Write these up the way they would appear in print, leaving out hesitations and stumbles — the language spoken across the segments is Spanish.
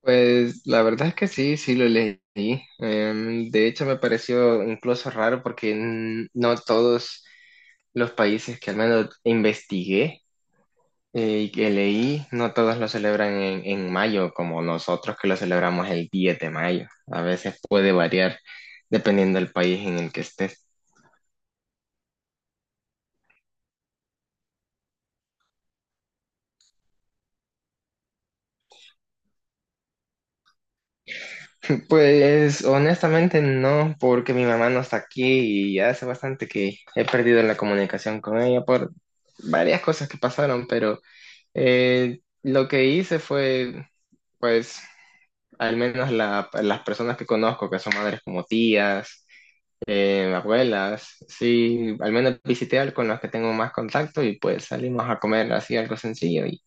Pues la verdad es que sí, sí lo leí. De hecho, me pareció incluso raro porque no todos los países que al menos investigué eh, y que leí, no todos lo celebran en mayo, como nosotros que lo celebramos el 10 de mayo. A veces puede variar dependiendo del país en el que estés. Pues honestamente no, porque mi mamá no está aquí y ya hace bastante que he perdido la comunicación con ella por varias cosas que pasaron, pero... Lo que hice fue, pues, al menos las personas que conozco, que son madres como tías, abuelas, sí, al menos con los que tengo más contacto y pues salimos a comer así algo sencillo y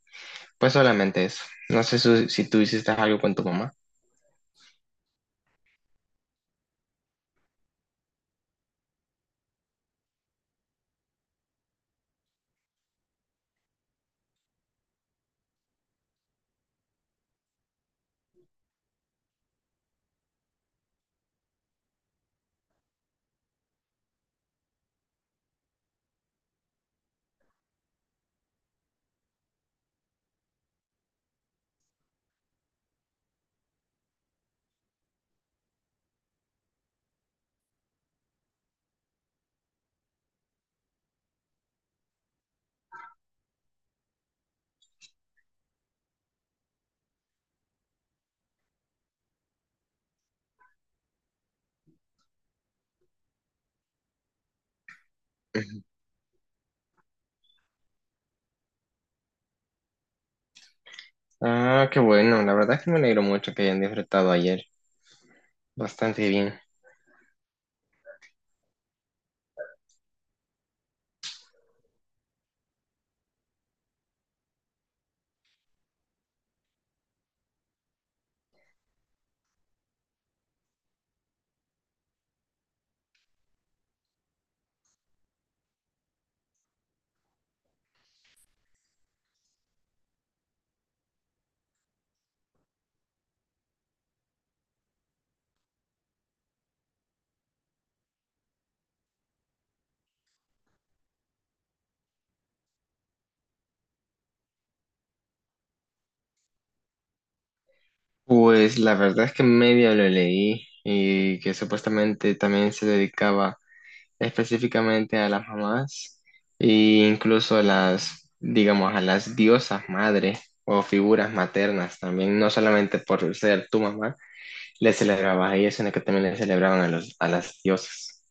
pues solamente eso. No sé si tú hiciste algo con tu mamá. Ujú. Ah, qué bueno, la verdad es que me alegro mucho que hayan disfrutado ayer, bastante bien. Pues la verdad es que medio lo leí y que supuestamente también se dedicaba específicamente a las mamás e incluso a las, digamos, a las diosas madres o figuras maternas también, no solamente por ser tu mamá, le celebrabas a ellas, sino que también le celebraban a los, a las diosas.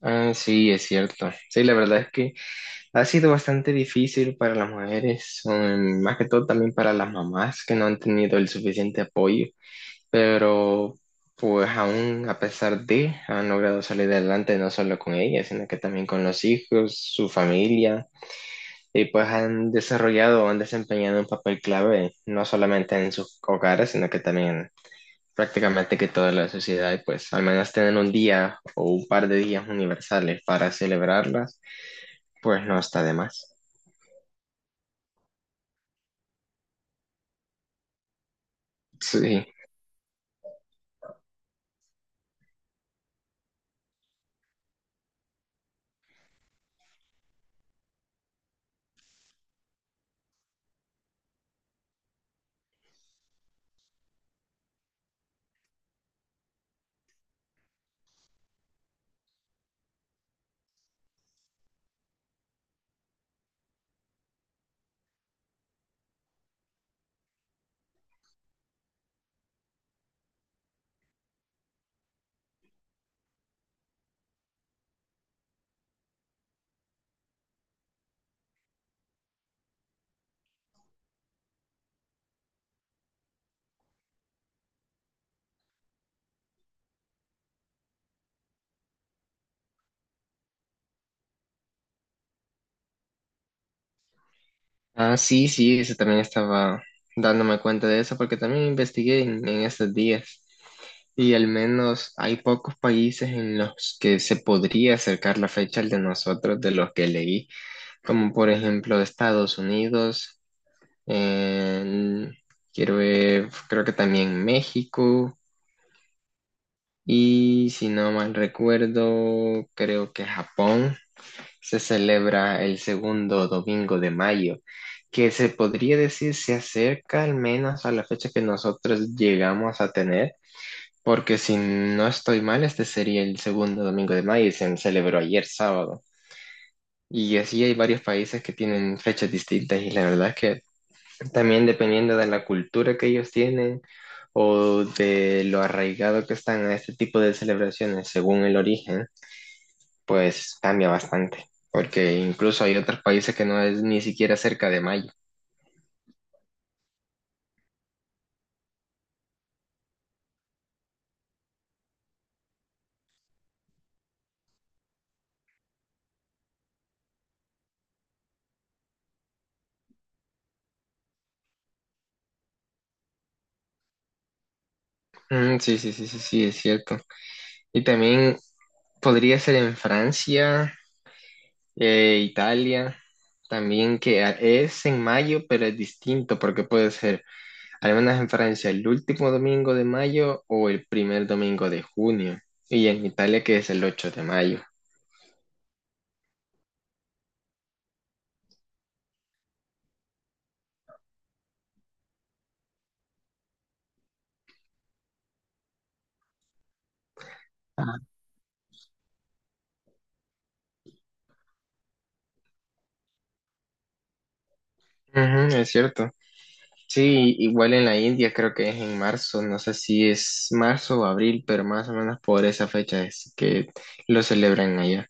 Ah, sí, es cierto. Sí, la verdad es que ha sido bastante difícil para las mujeres, más que todo también para las mamás que no han tenido el suficiente apoyo, pero pues aún a pesar de, han logrado salir adelante no solo con ella, sino que también con los hijos, su familia, y pues han desarrollado, han desempeñado un papel clave, no solamente en sus hogares, sino que también prácticamente que toda la sociedad, y pues al menos tener un día o un par de días universales para celebrarlas, pues no está de más. Sí. Ah, sí, sí, eso también estaba dándome cuenta de eso porque también investigué en estos días. Y al menos hay pocos países en los que se podría acercar la fecha al de nosotros, de los que leí, como por ejemplo Estados Unidos, en- quiero ver, creo que también México, y si no mal recuerdo, creo que Japón se celebra el segundo domingo de mayo, que se podría decir se acerca al menos a la fecha que nosotros llegamos a tener. Porque si no estoy mal, este sería el segundo domingo de mayo y se celebró ayer sábado. Y así hay varios países que tienen fechas distintas y la verdad es que también dependiendo de la cultura que ellos tienen o de lo arraigado que están a este tipo de celebraciones según el origen, pues cambia bastante. Porque incluso hay otros países que no es ni siquiera cerca de mayo. Mm, sí, sí, sí, sí, sí, es cierto. Y también podría ser en Francia. Italia también que es en mayo, pero es distinto porque puede ser, al menos en Francia, el último domingo de mayo o el primer domingo de junio. Y en Italia que es el 8 de mayo. Ujú, es cierto. Sí, igual en la India creo que es en marzo, no sé si es marzo o abril, pero más o menos por esa fecha es que lo celebran allá.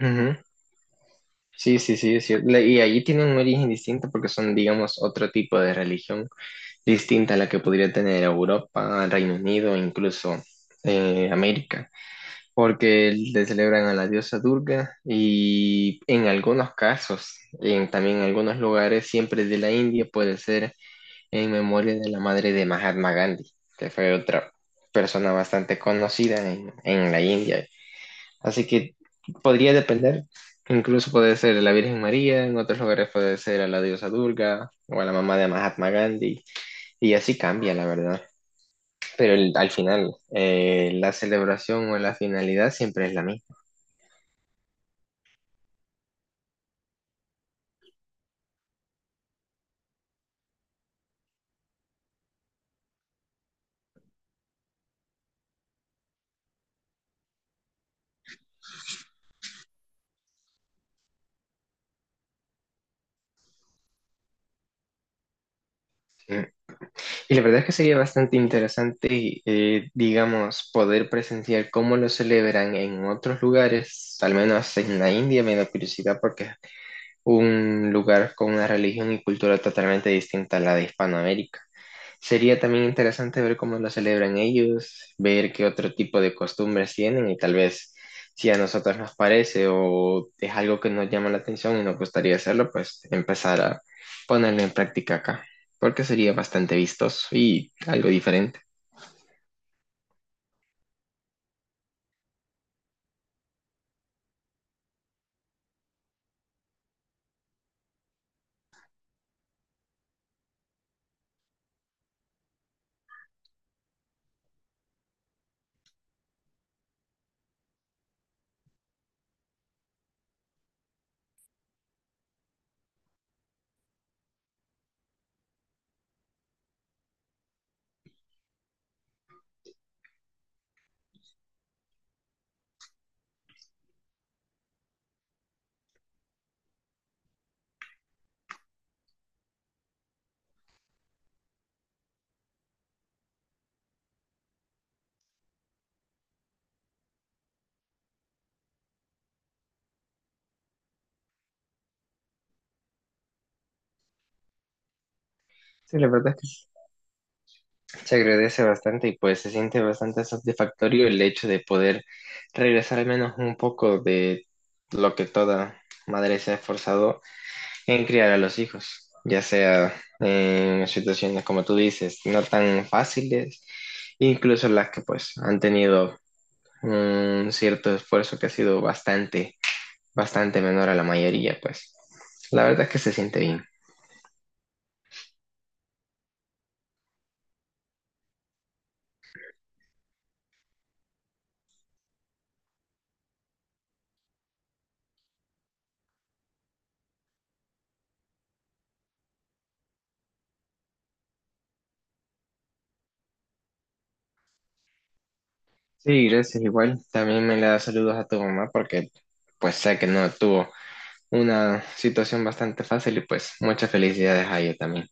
Ujú. Sí, sí, sí, es cierto. Y allí tienen un origen distinto porque son, digamos, otro tipo de religión distinta a la que podría tener Europa, Reino Unido, e incluso América, porque le celebran a la diosa Durga y en algunos casos, también en algunos lugares, siempre de la India, puede ser en memoria de la madre de Mahatma Gandhi, que fue otra persona bastante conocida en la India. Así que podría depender. Incluso puede ser la Virgen María, en otros lugares puede ser a la diosa Durga o a la mamá de Mahatma Gandhi. Y así cambia, la verdad. Pero al final, la celebración o la finalidad siempre es la misma. Sí. Y la verdad es que sería bastante interesante, digamos, poder presenciar cómo lo celebran en otros lugares, al menos en la India, me da curiosidad porque es un lugar con una religión y cultura totalmente distinta a la de Hispanoamérica. Sería también interesante ver cómo lo celebran ellos, ver qué otro tipo de costumbres tienen y tal vez si a nosotros nos parece o es algo que nos llama la atención y nos gustaría hacerlo, pues empezar a ponerlo en práctica acá, porque sería bastante vistoso y algo diferente. Sí, la verdad es que se agradece bastante y pues se siente bastante satisfactorio el hecho de poder regresar al menos un poco de lo que toda madre se ha esforzado en criar a los hijos, ya sea en situaciones como tú dices, no tan fáciles, incluso las que pues han tenido un cierto esfuerzo que ha sido bastante, bastante menor a la mayoría, pues la verdad es que se siente bien. Sí, gracias igual. También me le da saludos a tu mamá porque pues sé que no tuvo una situación bastante fácil y pues muchas felicidades a ella también.